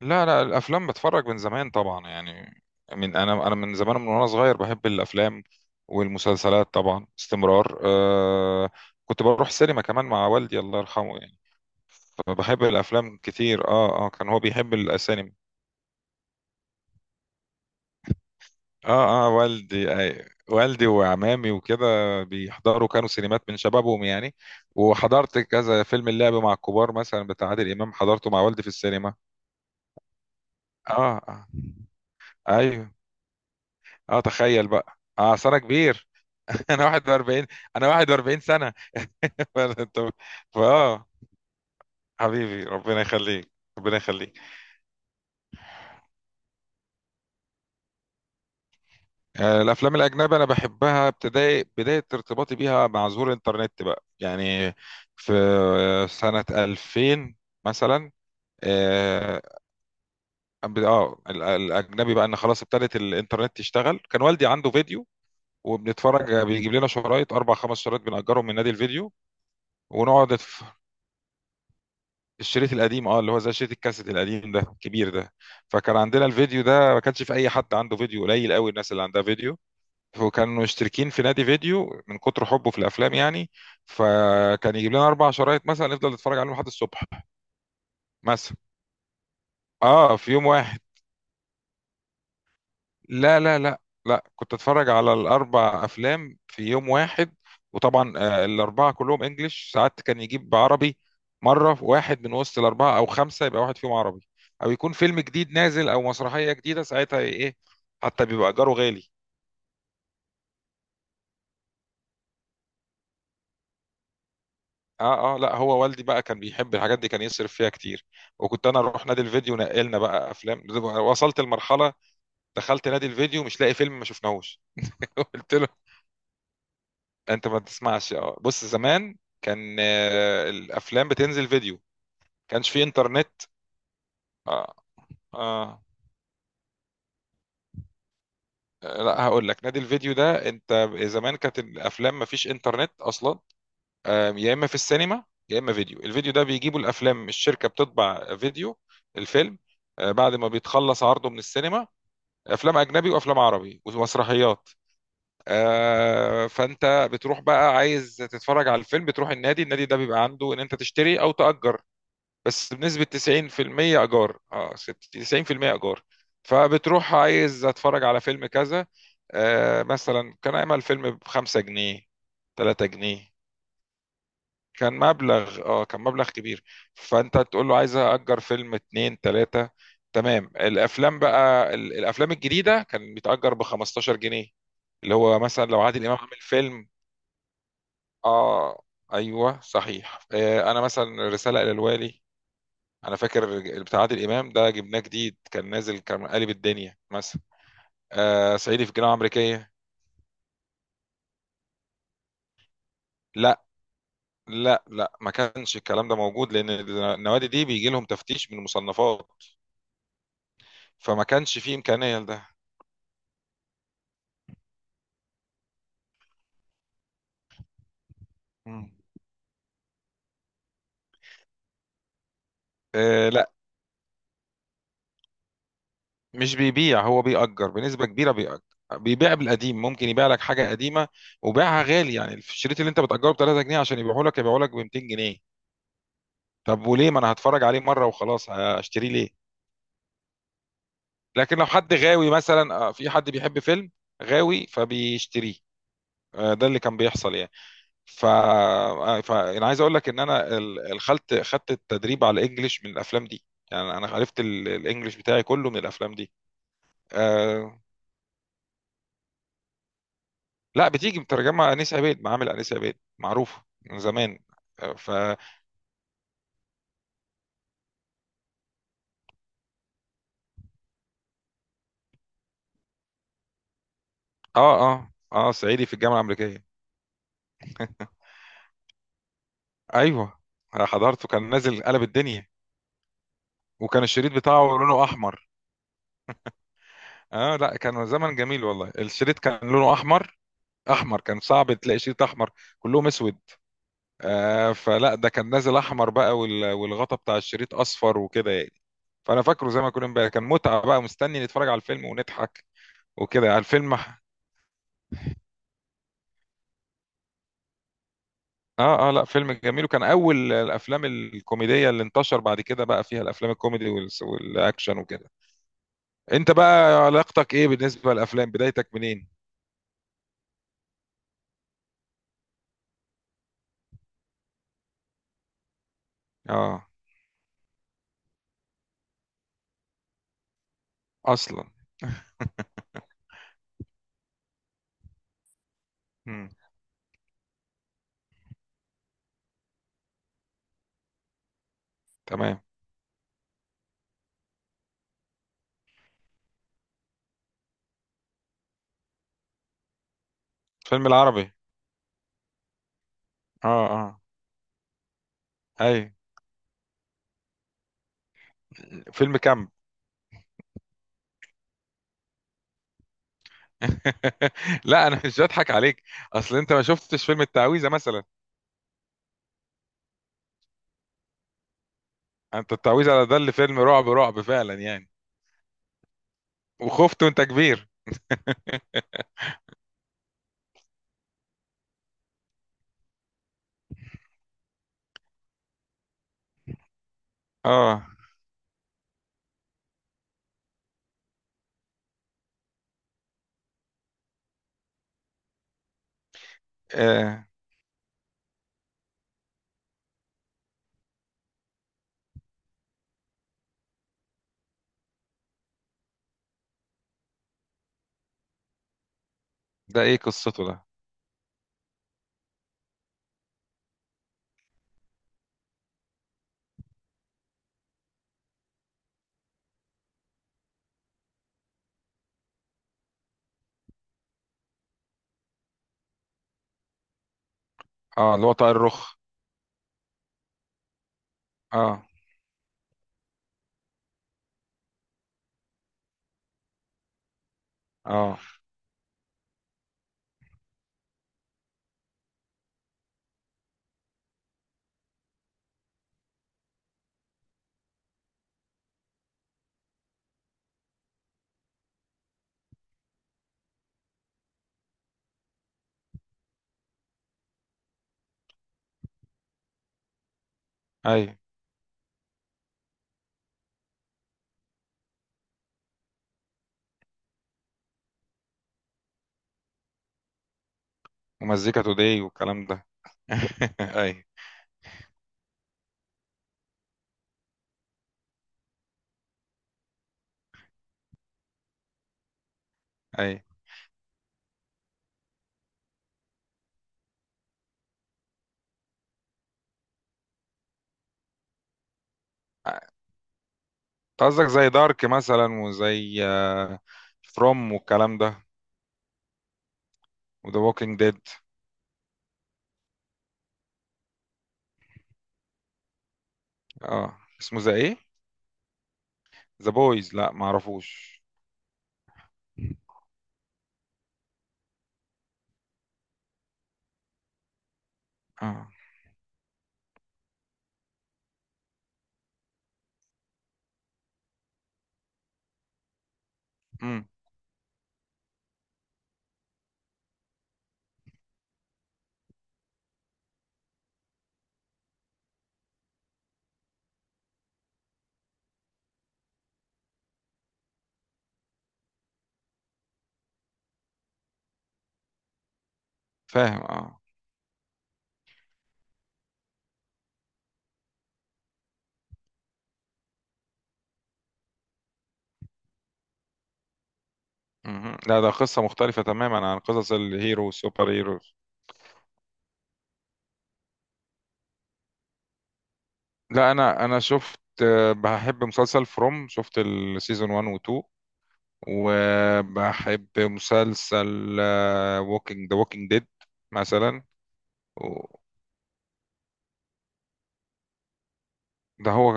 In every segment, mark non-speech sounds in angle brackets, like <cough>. لا لا الافلام بتفرج من زمان طبعا يعني. من انا من زمان من وانا صغير بحب الافلام والمسلسلات طبعا استمرار. كنت بروح سينما كمان مع والدي الله يرحمه يعني، فبحب الافلام كتير. اه كان هو بيحب السينما. اه والدي، والدي وعمامي وكده بيحضروا كانوا سينمات من شبابهم يعني. وحضرت كذا فيلم، اللعب مع الكبار مثلا بتاع عادل امام حضرته مع والدي في السينما. اه اه ايوه. اه تخيل بقى، أصل انا كبير. <laughs> انا 41 انا 41 سنه. <laughs> انت فاه حبيبي ربنا يخليك، ربنا يخليك. الافلام الاجنبيه انا بحبها ابتدائي، بدايه ارتباطي بيها مع ظهور الانترنت بقى يعني، في سنه 2000 مثلا. اه الاجنبي بقى، ان خلاص ابتدت الانترنت تشتغل، كان والدي عنده فيديو وبنتفرج، بيجيب لنا شرايط، اربع خمس شرايط بنأجرهم من نادي الفيديو. ونقعد الشريط القديم، اللي هو زي شريط الكاسيت القديم ده الكبير ده. فكان عندنا الفيديو ده، ما كانش في اي حد عنده فيديو، قليل قوي الناس اللي عندها فيديو، وكانوا مشتركين في نادي فيديو من كتر حبه في الافلام يعني. فكان يجيب لنا اربع شرايط مثلا نفضل نتفرج عليهم لحد الصبح. مثلا اه في يوم واحد. لا لا لا، لا كنت اتفرج على الاربع افلام في يوم واحد. وطبعا الاربعه كلهم انجليش، ساعات كان يجيب عربي مره، في واحد من وسط الاربعه او خمسه يبقى واحد فيهم عربي، او يكون فيلم جديد نازل او مسرحيه جديده ساعتها ايه إيه، حتى بيبقى اجاره غالي. اه لا، هو والدي بقى كان بيحب الحاجات دي، كان يصرف فيها كتير. وكنت انا اروح نادي الفيديو، نقلنا بقى افلام، وصلت المرحله دخلت نادي الفيديو مش لاقي فيلم ما شفناهوش. <laughs> قلت له انت ما تسمعش؟ اه بص، زمان كان الافلام بتنزل فيديو، كانش في انترنت. اه اه لا هقول لك، نادي الفيديو ده، انت زمان كانت الافلام ما فيش انترنت اصلا. يا اما في السينما يا اما فيديو، الفيديو ده بيجيبوا الافلام، الشركه بتطبع فيديو الفيلم بعد ما بيتخلص عرضه من السينما. افلام اجنبي وافلام عربي ومسرحيات. فانت بتروح بقى عايز تتفرج على الفيلم، بتروح النادي، النادي ده بيبقى عنده ان انت تشتري او تأجر. بس بنسبة 90% إيجار. اه 60 90% إيجار. فبتروح عايز أتفرج على فيلم كذا. مثلا كان أعمل فيلم بخمسة جنيه، تلاتة جنيه. كان مبلغ، كان مبلغ كبير. فأنت تقول له عايز أأجر فيلم اتنين تلاتة، تمام. الأفلام بقى، الأفلام الجديدة كان بيتأجر بخمستاشر جنيه، اللي هو مثلا لو عادل إمام عامل فيلم. اه ايوه صحيح، انا مثلا رساله الى الوالي. انا فاكر بتاع عادل امام ده، جبناه جديد كان نازل، كان قالب الدنيا مثلا. صعيدي في الجامعه الامريكيه. لا لا لا، ما كانش الكلام ده موجود، لان النوادي دي بيجي لهم تفتيش من المصنفات، فما كانش فيه امكانيه لده. مم. لا مش بيبيع، هو بيأجر، بنسبه كبيره بيأجر. بيبيع بالقديم، ممكن يبيع لك حاجه قديمه وبيعها غالي، يعني الشريط اللي انت بتأجره ب 3 جنيه، عشان يبيعه لك يبيعه لك ب 200 جنيه. طب وليه ما انا هتفرج عليه مره وخلاص، هشتريه ليه؟ لكن لو حد غاوي، مثلا في حد بيحب فيلم، غاوي فبيشتريه. ده اللي كان بيحصل يعني. انا عايز اقول لك ان انا ال- الخلت خدت التدريب على الانجليش من الافلام دي، يعني انا عرفت الانجليش بتاعي كله من الافلام دي. آه... لا بتيجي مترجمه، انيس عبيد، معامل انيس عبيد معروفه من زمان. آه، ف اه اه صعيدي في الجامعه الامريكيه. ايوه، أنا حضرته كان نازل قلب الدنيا. وكان الشريط بتاعه لونه احمر. اه لا كان زمن جميل والله، الشريط كان لونه احمر. احمر، كان صعب تلاقي شريط احمر، كلهم اسود. آه فلا ده كان نازل احمر بقى، والغطا بتاع الشريط اصفر وكده يعني. فانا فاكره زي ما كنا امبارح، كان متعه بقى مستني نتفرج على الفيلم ونضحك وكده على الفيلم. اه لا فيلم جميل، وكان اول الافلام الكوميديه اللي انتشر بعد كده، بقى فيها الافلام الكوميدي والاكشن وكده. انت بقى، علاقتك ايه بالنسبه للافلام؟ بدايتك منين؟ اه، اصلا. مم. تمام. الفيلم العربي. اه اه اي. فيلم كامب. <laughs> لا انا مش بضحك عليك، اصل انت ما شفتش فيلم التعويذه مثلا؟ انت التعويذه على، ده اللي فيلم رعب رعب فعلا يعني. وخفت وانت كبير. اه آه، ده ايه قصته ده؟ اه اللي هو طائر الرخ. اه اه اي، ومزيكا توداي والكلام ده. <laughs> اي اي. قصدك زي دارك مثلا وزي فروم والكلام ده، وذا ووكينج ديد. اه، اسمه زي ايه؟ ذا بويز؟ لا ما اعرفوش. اه امم فاهم اه. لا ده قصة مختلفة تماما عن قصص الهيرو والسوبر هيرو. لا انا شفت، بحب مسلسل فروم، شفت السيزون 1 و 2. وبحب مسلسل ووكينج، ذا ووكينج ديد مثلا و- ده هو.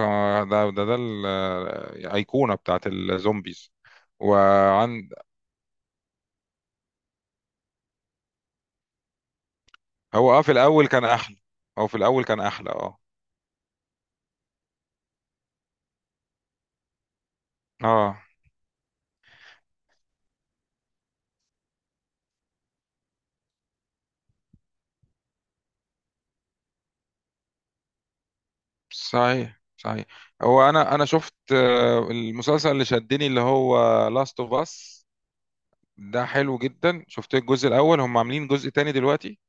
ده ده الأيقونة بتاعت الزومبيز. وعند هو في الأول كان أحلى، هو في الأول كان أحلى اه. اه صحيح صحيح. هو، انا شفت المسلسل اللي شدني اللي هو لاست اوف اس. ده حلو جدا، شفت الجزء الاول، هم عاملين جزء تاني دلوقتي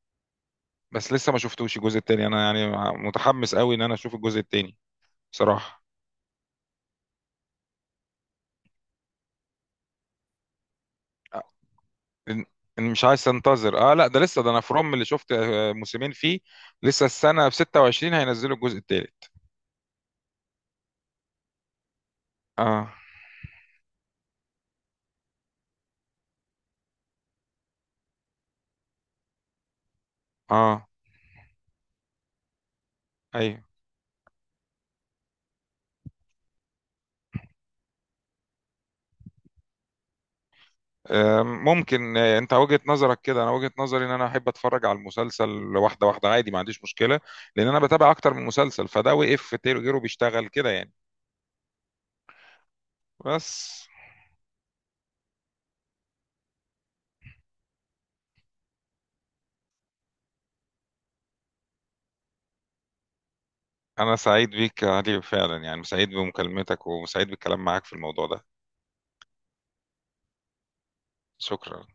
بس لسه ما شفتوش الجزء التاني انا يعني، متحمس قوي ان انا اشوف الجزء التاني بصراحة. إن- إن مش عايز انتظر. اه لا ده لسه، ده انا فروم اللي شفت موسمين فيه، لسه السنة في 26 هينزلوا الجزء التالت. اه اه ايوه. ممكن انت وجهة نظرك كده، انا وجهة نظري ان انا احب اتفرج على المسلسل واحده واحده، عادي ما عنديش مشكله، لان انا بتابع اكتر من مسلسل، فده وقف غيره بيشتغل كده يعني. بس، انا سعيد بيك يا علي فعلا، يعني سعيد بمكالمتك وسعيد بالكلام معاك في الموضوع ده. شكرا.